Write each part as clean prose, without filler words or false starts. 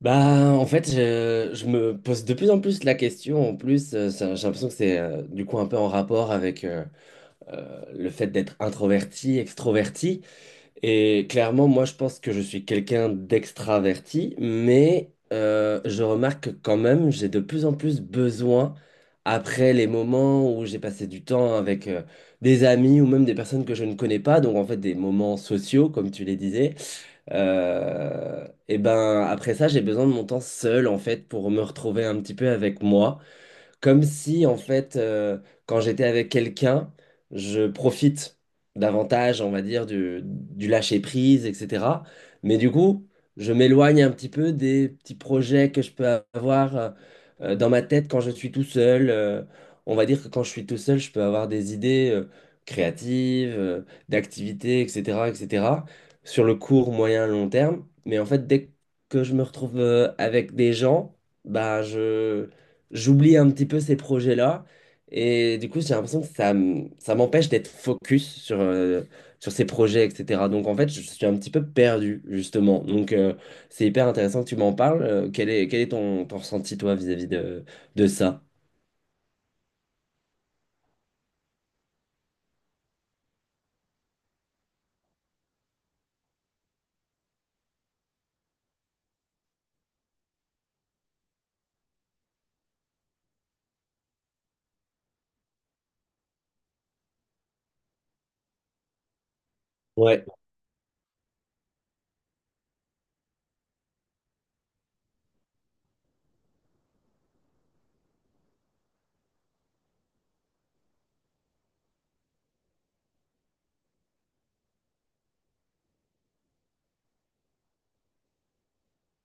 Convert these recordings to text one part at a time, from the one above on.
Bah, en fait, je me pose de plus en plus la question. En plus, j'ai l'impression que c'est du coup un peu en rapport avec le fait d'être introverti, extroverti. Et clairement, moi, je pense que je suis quelqu'un d'extraverti, mais je remarque que quand même, j'ai de plus en plus besoin, après les moments où j'ai passé du temps avec des amis ou même des personnes que je ne connais pas, donc en fait des moments sociaux, comme tu les disais et ben après ça, j'ai besoin de mon temps seul en fait pour me retrouver un petit peu avec moi. Comme si, en fait, quand j'étais avec quelqu'un, je profite davantage, on va dire, du lâcher-prise, etc. Mais du coup, je m'éloigne un petit peu des petits projets que je peux avoir dans ma tête quand je suis tout seul. On va dire que quand je suis tout seul, je peux avoir des idées créatives, d'activités, etc., etc., sur le court, moyen, long terme. Mais en fait, dès que je me retrouve avec des gens, bah, je j'oublie un petit peu ces projets-là. Et du coup, j'ai l'impression que ça m'empêche d'être focus sur ces projets, etc. Donc, en fait, je suis un petit peu perdu, justement. Donc, c'est hyper intéressant que tu m'en parles. Quel est ton, ton ressenti, toi, vis-à-vis de ça? Ouais,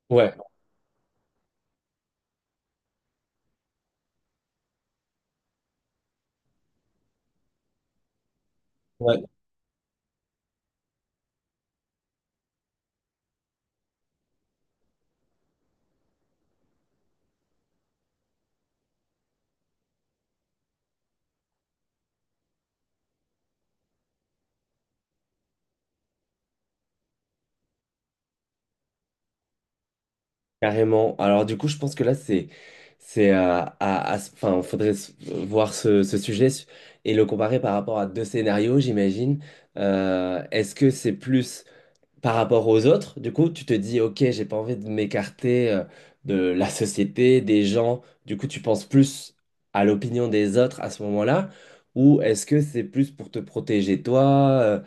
ouais, ouais, carrément. Alors, du coup, je pense que là, enfin, faudrait voir ce sujet et le comparer par rapport à deux scénarios, j'imagine. Est-ce que c'est plus par rapport aux autres, du coup, tu te dis, ok, j'ai pas envie de m'écarter de la société, des gens. Du coup, tu penses plus à l'opinion des autres à ce moment-là, ou est-ce que c'est plus pour te protéger toi, euh,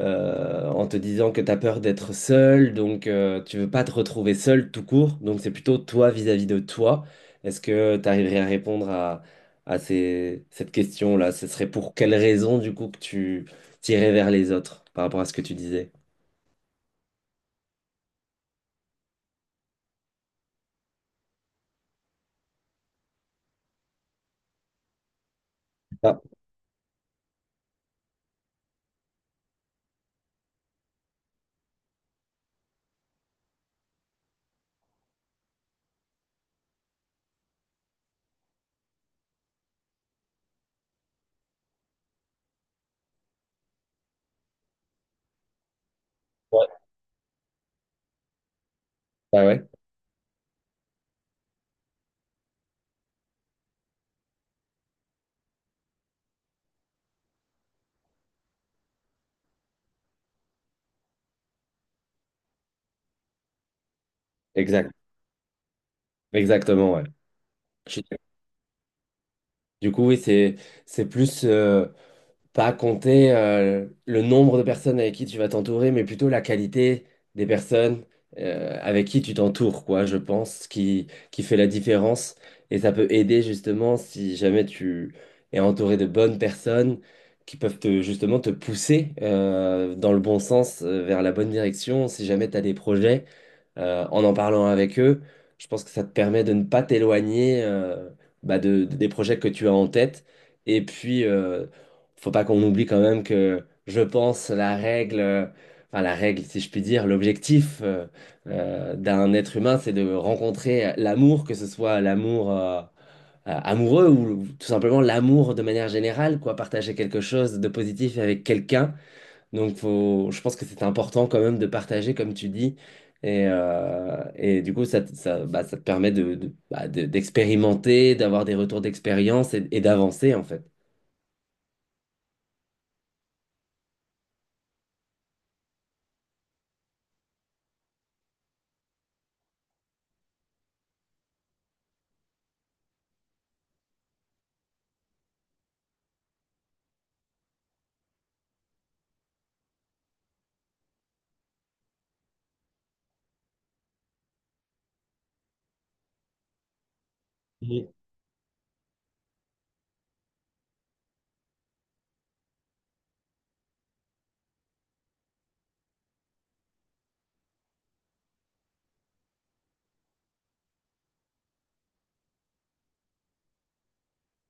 euh, en te disant que tu as peur d'être seul, donc tu veux pas te retrouver seul tout court, donc c'est plutôt toi vis-à-vis de toi. Est-ce que tu arriverais à répondre à cette question-là? Ce serait pour quelle raison, du coup, que tu tirais vers les autres par rapport à ce que tu disais? Ah, ouais. Bah ouais, exact, exactement, ouais. Je- Du coup, oui, c'est plus pas compter le nombre de personnes avec qui tu vas t'entourer, mais plutôt la qualité des personnes avec qui tu t'entoures, quoi, je pense, qui fait la différence. Et ça peut aider justement si jamais tu es entouré de bonnes personnes qui peuvent te, justement te pousser dans le bon sens, vers la bonne direction, si jamais tu as des projets. En parlant avec eux, je pense que ça te permet de ne pas t'éloigner bah, des projets que tu as en tête. Et puis, faut pas qu'on oublie quand même que je pense la règle, enfin la règle, si je puis dire, l'objectif d'un être humain, c'est de rencontrer l'amour, que ce soit l'amour amoureux ou tout simplement l'amour de manière générale, quoi, partager quelque chose de positif avec quelqu'un. Donc, faut, je pense que c'est important quand même de partager, comme tu dis. Et du coup, bah, ça te permet bah, d'expérimenter, d'avoir des retours d'expérience et d'avancer, en fait.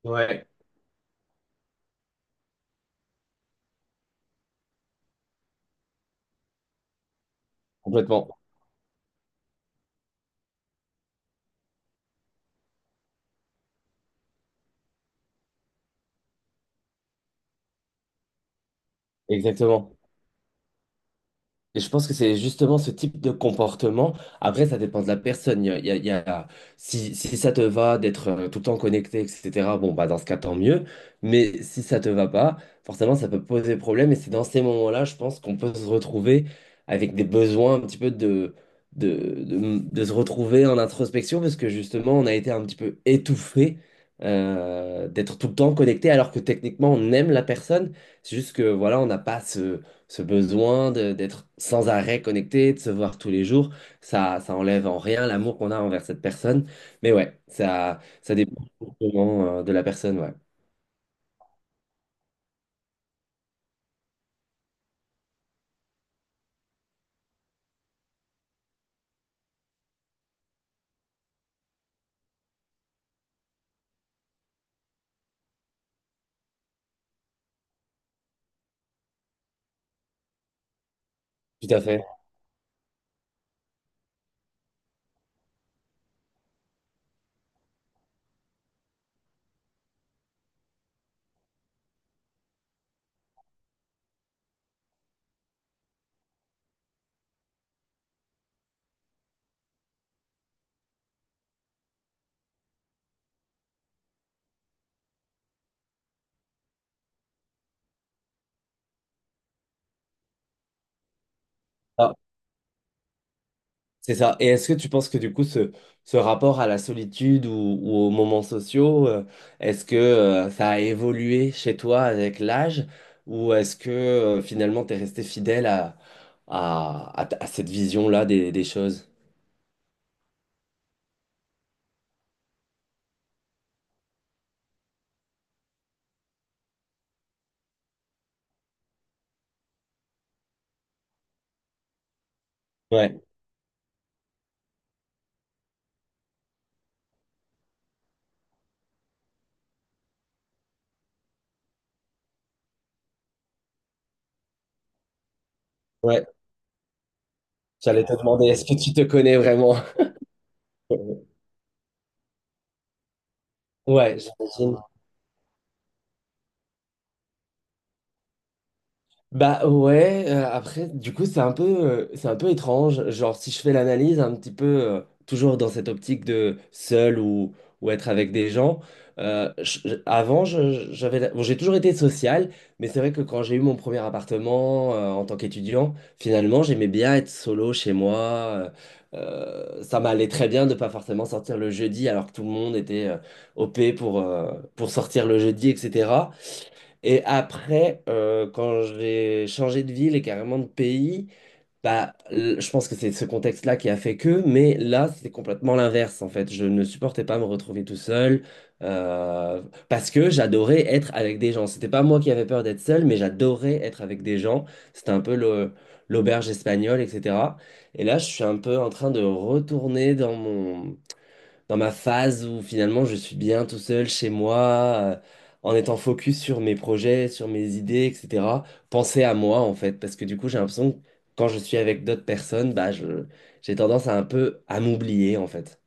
Ouais. Complètement. Exactement. Et je pense que c'est justement ce type de comportement. Après, ça dépend de la personne. Il y a, il y a- il y a- Si ça te va d'être tout le temps connecté, etc., bon, bah, dans ce cas, tant mieux. Mais si ça te va pas, forcément, ça peut poser problème. Et c'est dans ces moments-là, je pense qu'on peut se retrouver avec des besoins un petit peu de se retrouver en introspection, parce que justement, on a été un petit peu étouffé d'être tout le temps connecté, alors que techniquement, on aime la personne. C'est juste que, voilà, on n'a pas ce besoin d'être sans arrêt connecté, de se voir tous les jours, ça enlève en rien l'amour qu'on a envers cette personne. Mais ouais, ça dépend vraiment, de la personne, ouais. Tout à fait. Ah, c'est ça. Et est-ce que tu penses que du coup, ce rapport à la solitude ou aux moments sociaux, est-ce que, ça a évolué chez toi avec l'âge ou est-ce que, finalement, tu es resté fidèle à cette vision-là des choses? Ouais, ouais. J'allais te demander, est-ce que tu te connais vraiment? Ouais, j'imagine. Bah ouais, après, du coup, c'est un peu étrange. Genre, si je fais l'analyse un petit peu, toujours dans cette optique de seul ou être avec des gens, je- avant, je- j'avais, la- bon, j'ai toujours été social, mais c'est vrai que quand j'ai eu mon premier appartement, en tant qu'étudiant, finalement, j'aimais bien être solo chez moi. Ça m'allait très bien de pas forcément sortir le jeudi alors que tout le monde était, OP pour, pour sortir le jeudi, etc. Et après, quand j'ai changé de ville et carrément de pays, bah, je pense que c'est ce contexte-là qui a fait que, mais là, c'était complètement l'inverse, en fait. Je ne supportais pas me retrouver tout seul, euh, parce que j'adorais être avec des gens. C'était pas moi qui avais peur d'être seul, mais j'adorais être avec des gens. C'était un peu l'auberge espagnole, etc. Et là, je suis un peu en train de retourner dans ma phase où finalement je suis bien tout seul chez moi, euh, en étant focus sur mes projets, sur mes idées, etc. Penser à moi en fait, parce que du coup j'ai l'impression que quand je suis avec d'autres personnes, bah je j'ai tendance à un peu à m'oublier en fait.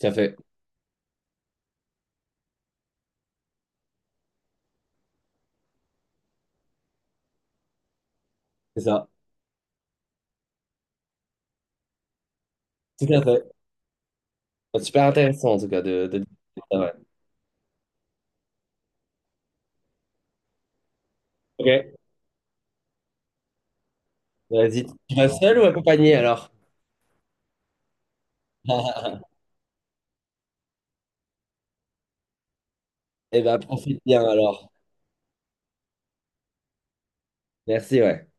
Tout à fait, c'est ça. Tout à fait. C'est super intéressant en tout cas de. Ah ouais. Ok, vas-y. Tu vas seul ou accompagné alors? Eh ben profite bien alors. Merci, ouais.